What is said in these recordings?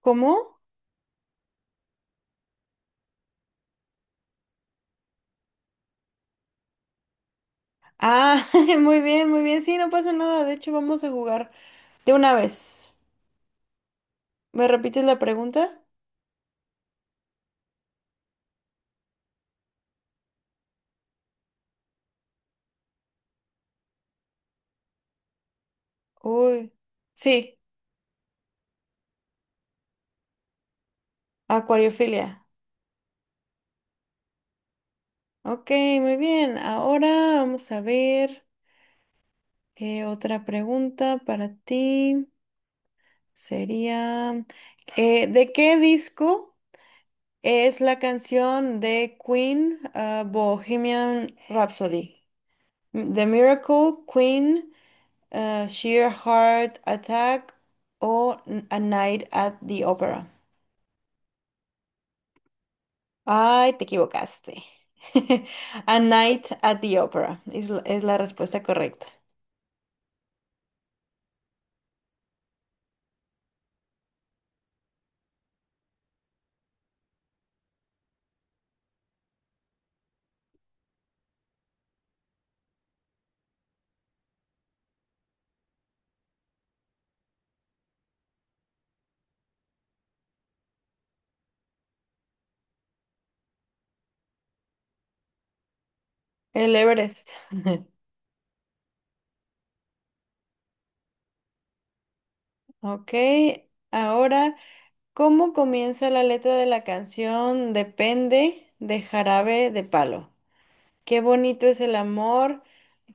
¿Cómo? Ah, muy bien, muy bien. Sí, no pasa nada. De hecho, vamos a jugar de una vez. ¿Me repites la pregunta? Uy. Sí, acuariofilia. Ok, muy bien. Ahora vamos a ver otra pregunta para ti. Sería, ¿de qué disco es la canción de Queen, Bohemian Rhapsody? The Miracle, Queen. Eh, Sheer Heart Attack o A Night at the Opera. Ay, te equivocaste. A Night at the Opera es la respuesta correcta. El Everest. Ok, ahora, ¿cómo comienza la letra de la canción Depende de Jarabe de Palo? Qué bonito es el amor,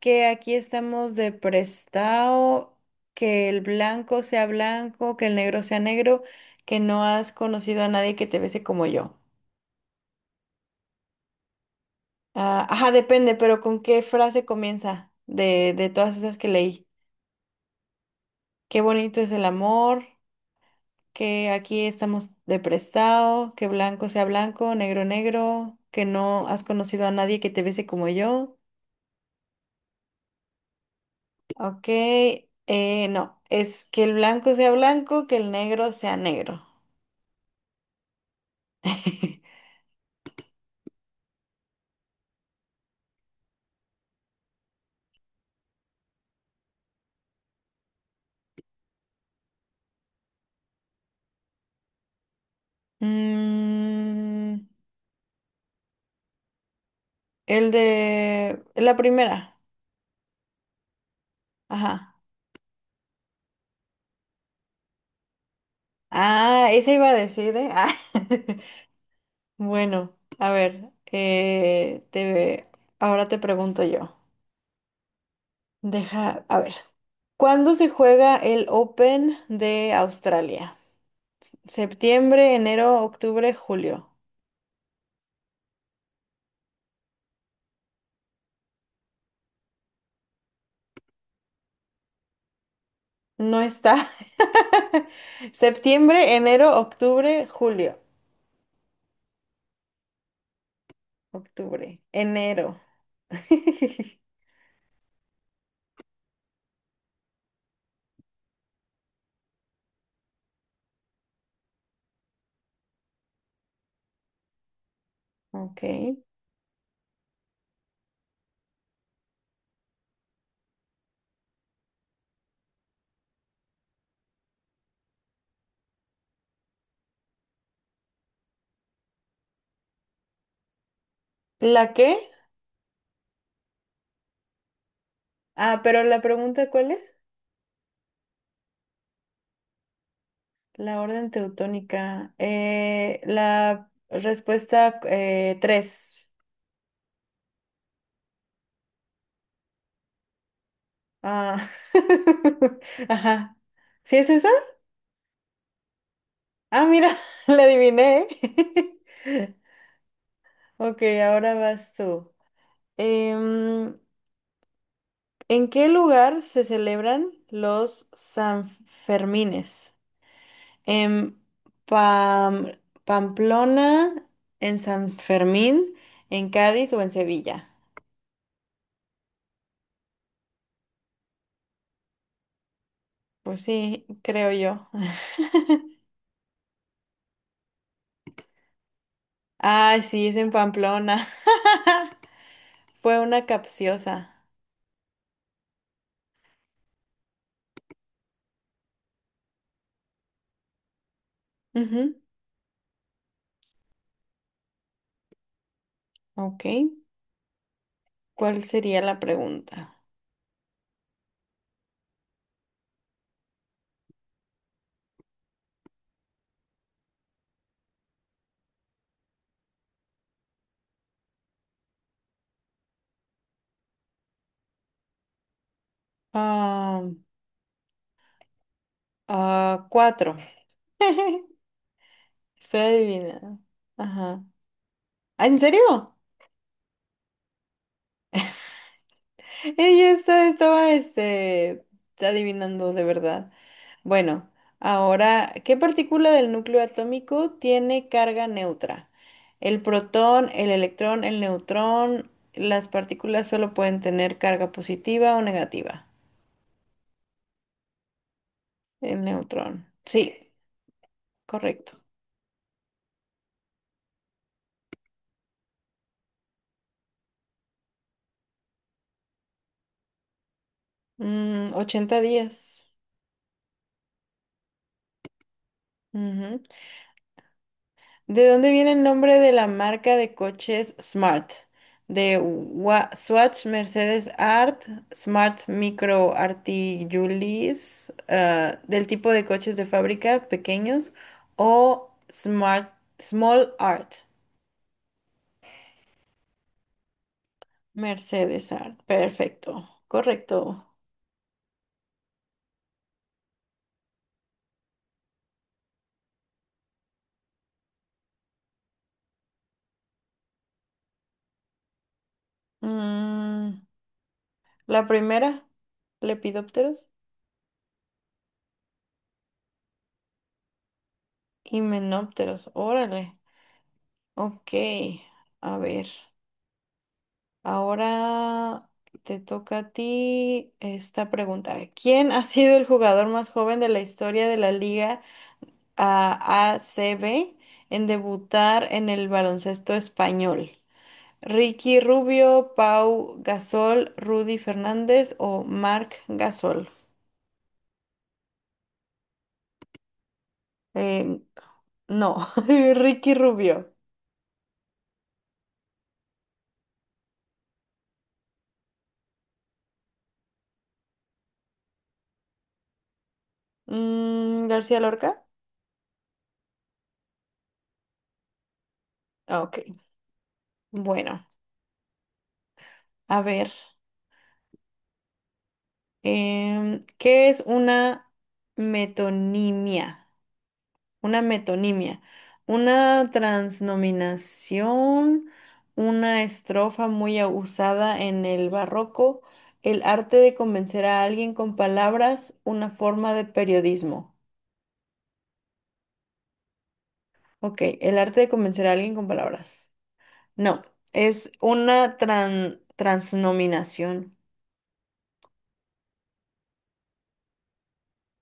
que aquí estamos de prestado, que el blanco sea blanco, que el negro sea negro, que no has conocido a nadie que te bese como yo. Ah, ajá, depende, pero ¿con qué frase comienza de todas esas que leí? Qué bonito es el amor, que aquí estamos de prestado, que blanco sea blanco, negro negro, que no has conocido a nadie que te bese como yo. Ok, no, es que el blanco sea blanco, que el negro sea negro. Mm, el de la primera, ajá. Ah, esa iba a decir, ¿eh? Ah. Bueno, a ver, ahora te pregunto yo. Deja, a ver, ¿cuándo se juega el Open de Australia? Septiembre, enero, octubre, julio. No está. Septiembre, enero, octubre, julio. Octubre, enero. Ok. ¿La qué? Ah, pero la pregunta, ¿cuál es? La orden teutónica. La respuesta tres. Ah. Ajá. ¿Sí es esa? Ah, mira, la adiviné. ¿eh? Ok, ahora vas tú. Em, ¿en qué lugar se celebran los Sanfermines? En Pam- Pamplona, en San Fermín, en Cádiz o en Sevilla. Pues sí, creo yo. Ay, sí, es en Pamplona. Fue una capciosa. Ujú, Ok. ¿Cuál sería la pregunta? Ah, ah, cuatro. Estoy adivinando. Ajá. ¿Ah, ¿En serio? Estaba este, adivinando de verdad. Bueno, ahora, ¿qué partícula del núcleo atómico tiene carga neutra? El protón, el electrón, el neutrón. Las partículas solo pueden tener carga positiva o negativa. El neutrón. Sí, correcto. Mm, 80 días. ¿De dónde viene el nombre de la marca de coches Smart? Swatch, Mercedes Art, Smart Micro Articulis, del tipo de coches de fábrica pequeños o Smart Small Art. Mercedes Art, perfecto, correcto. Mm, la primera, Lepidópteros y Menópteros, órale, ok, a ver. Ahora te toca a ti esta pregunta. ¿Quién ha sido el jugador más joven de la historia de la Liga ACB en debutar en el baloncesto español? ¿Ricky Rubio, Pau Gasol, Rudy Fernández o Marc Gasol? Eh, no, Ricky Rubio. Mm, ¿García Lorca? Ah, Ok, bueno, a ver. Em, ¿qué es una metonimia? Una metonimia, una transnominación, una estrofa muy usada en el barroco, el arte de convencer a alguien con palabras, una forma de periodismo. Ok, el arte de convencer a alguien con palabras. No, es una transnominación.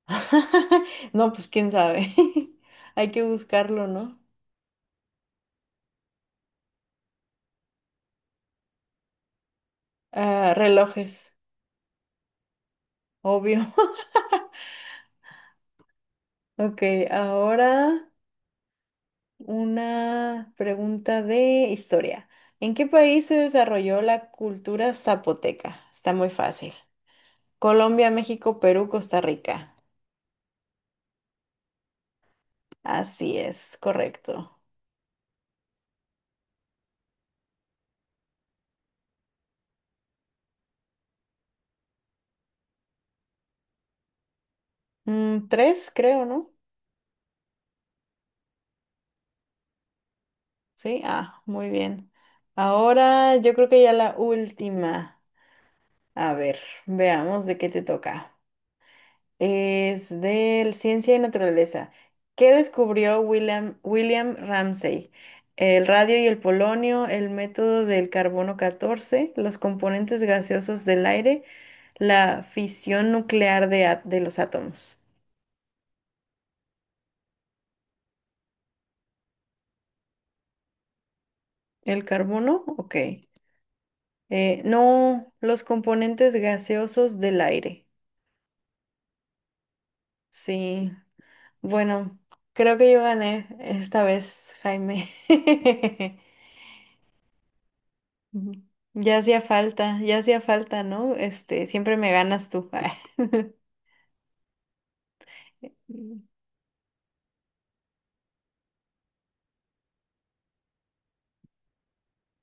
No, pues quién sabe. Hay que buscarlo, ¿no? Ah, relojes, obvio. Ok, ahora... Una pregunta de historia. ¿En qué país se desarrolló la cultura zapoteca? Está muy fácil. Colombia, México, Perú, Costa Rica. Así es, correcto. Mm, tres, creo, ¿no? Sí, ah, muy bien. Ahora yo creo que ya la última. A ver, veamos de qué te toca. Es de Ciencia y Naturaleza. ¿Qué descubrió William Ramsay? El radio y el polonio, el método del carbono 14, los componentes gaseosos del aire, la fisión nuclear de los átomos. ¿El carbono? Ok. No, los componentes gaseosos del aire. Sí. Bueno, creo que yo gané esta vez, Jaime. Ujú. Ya hacía falta, ¿no? Este, siempre me ganas tú.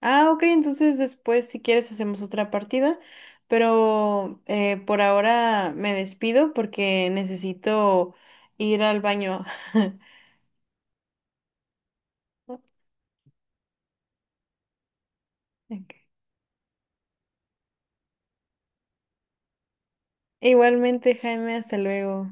Ah, ok, entonces después, si quieres, hacemos otra partida, pero por ahora me despido porque necesito ir al baño. Ok. Igualmente, Jaime, hasta luego.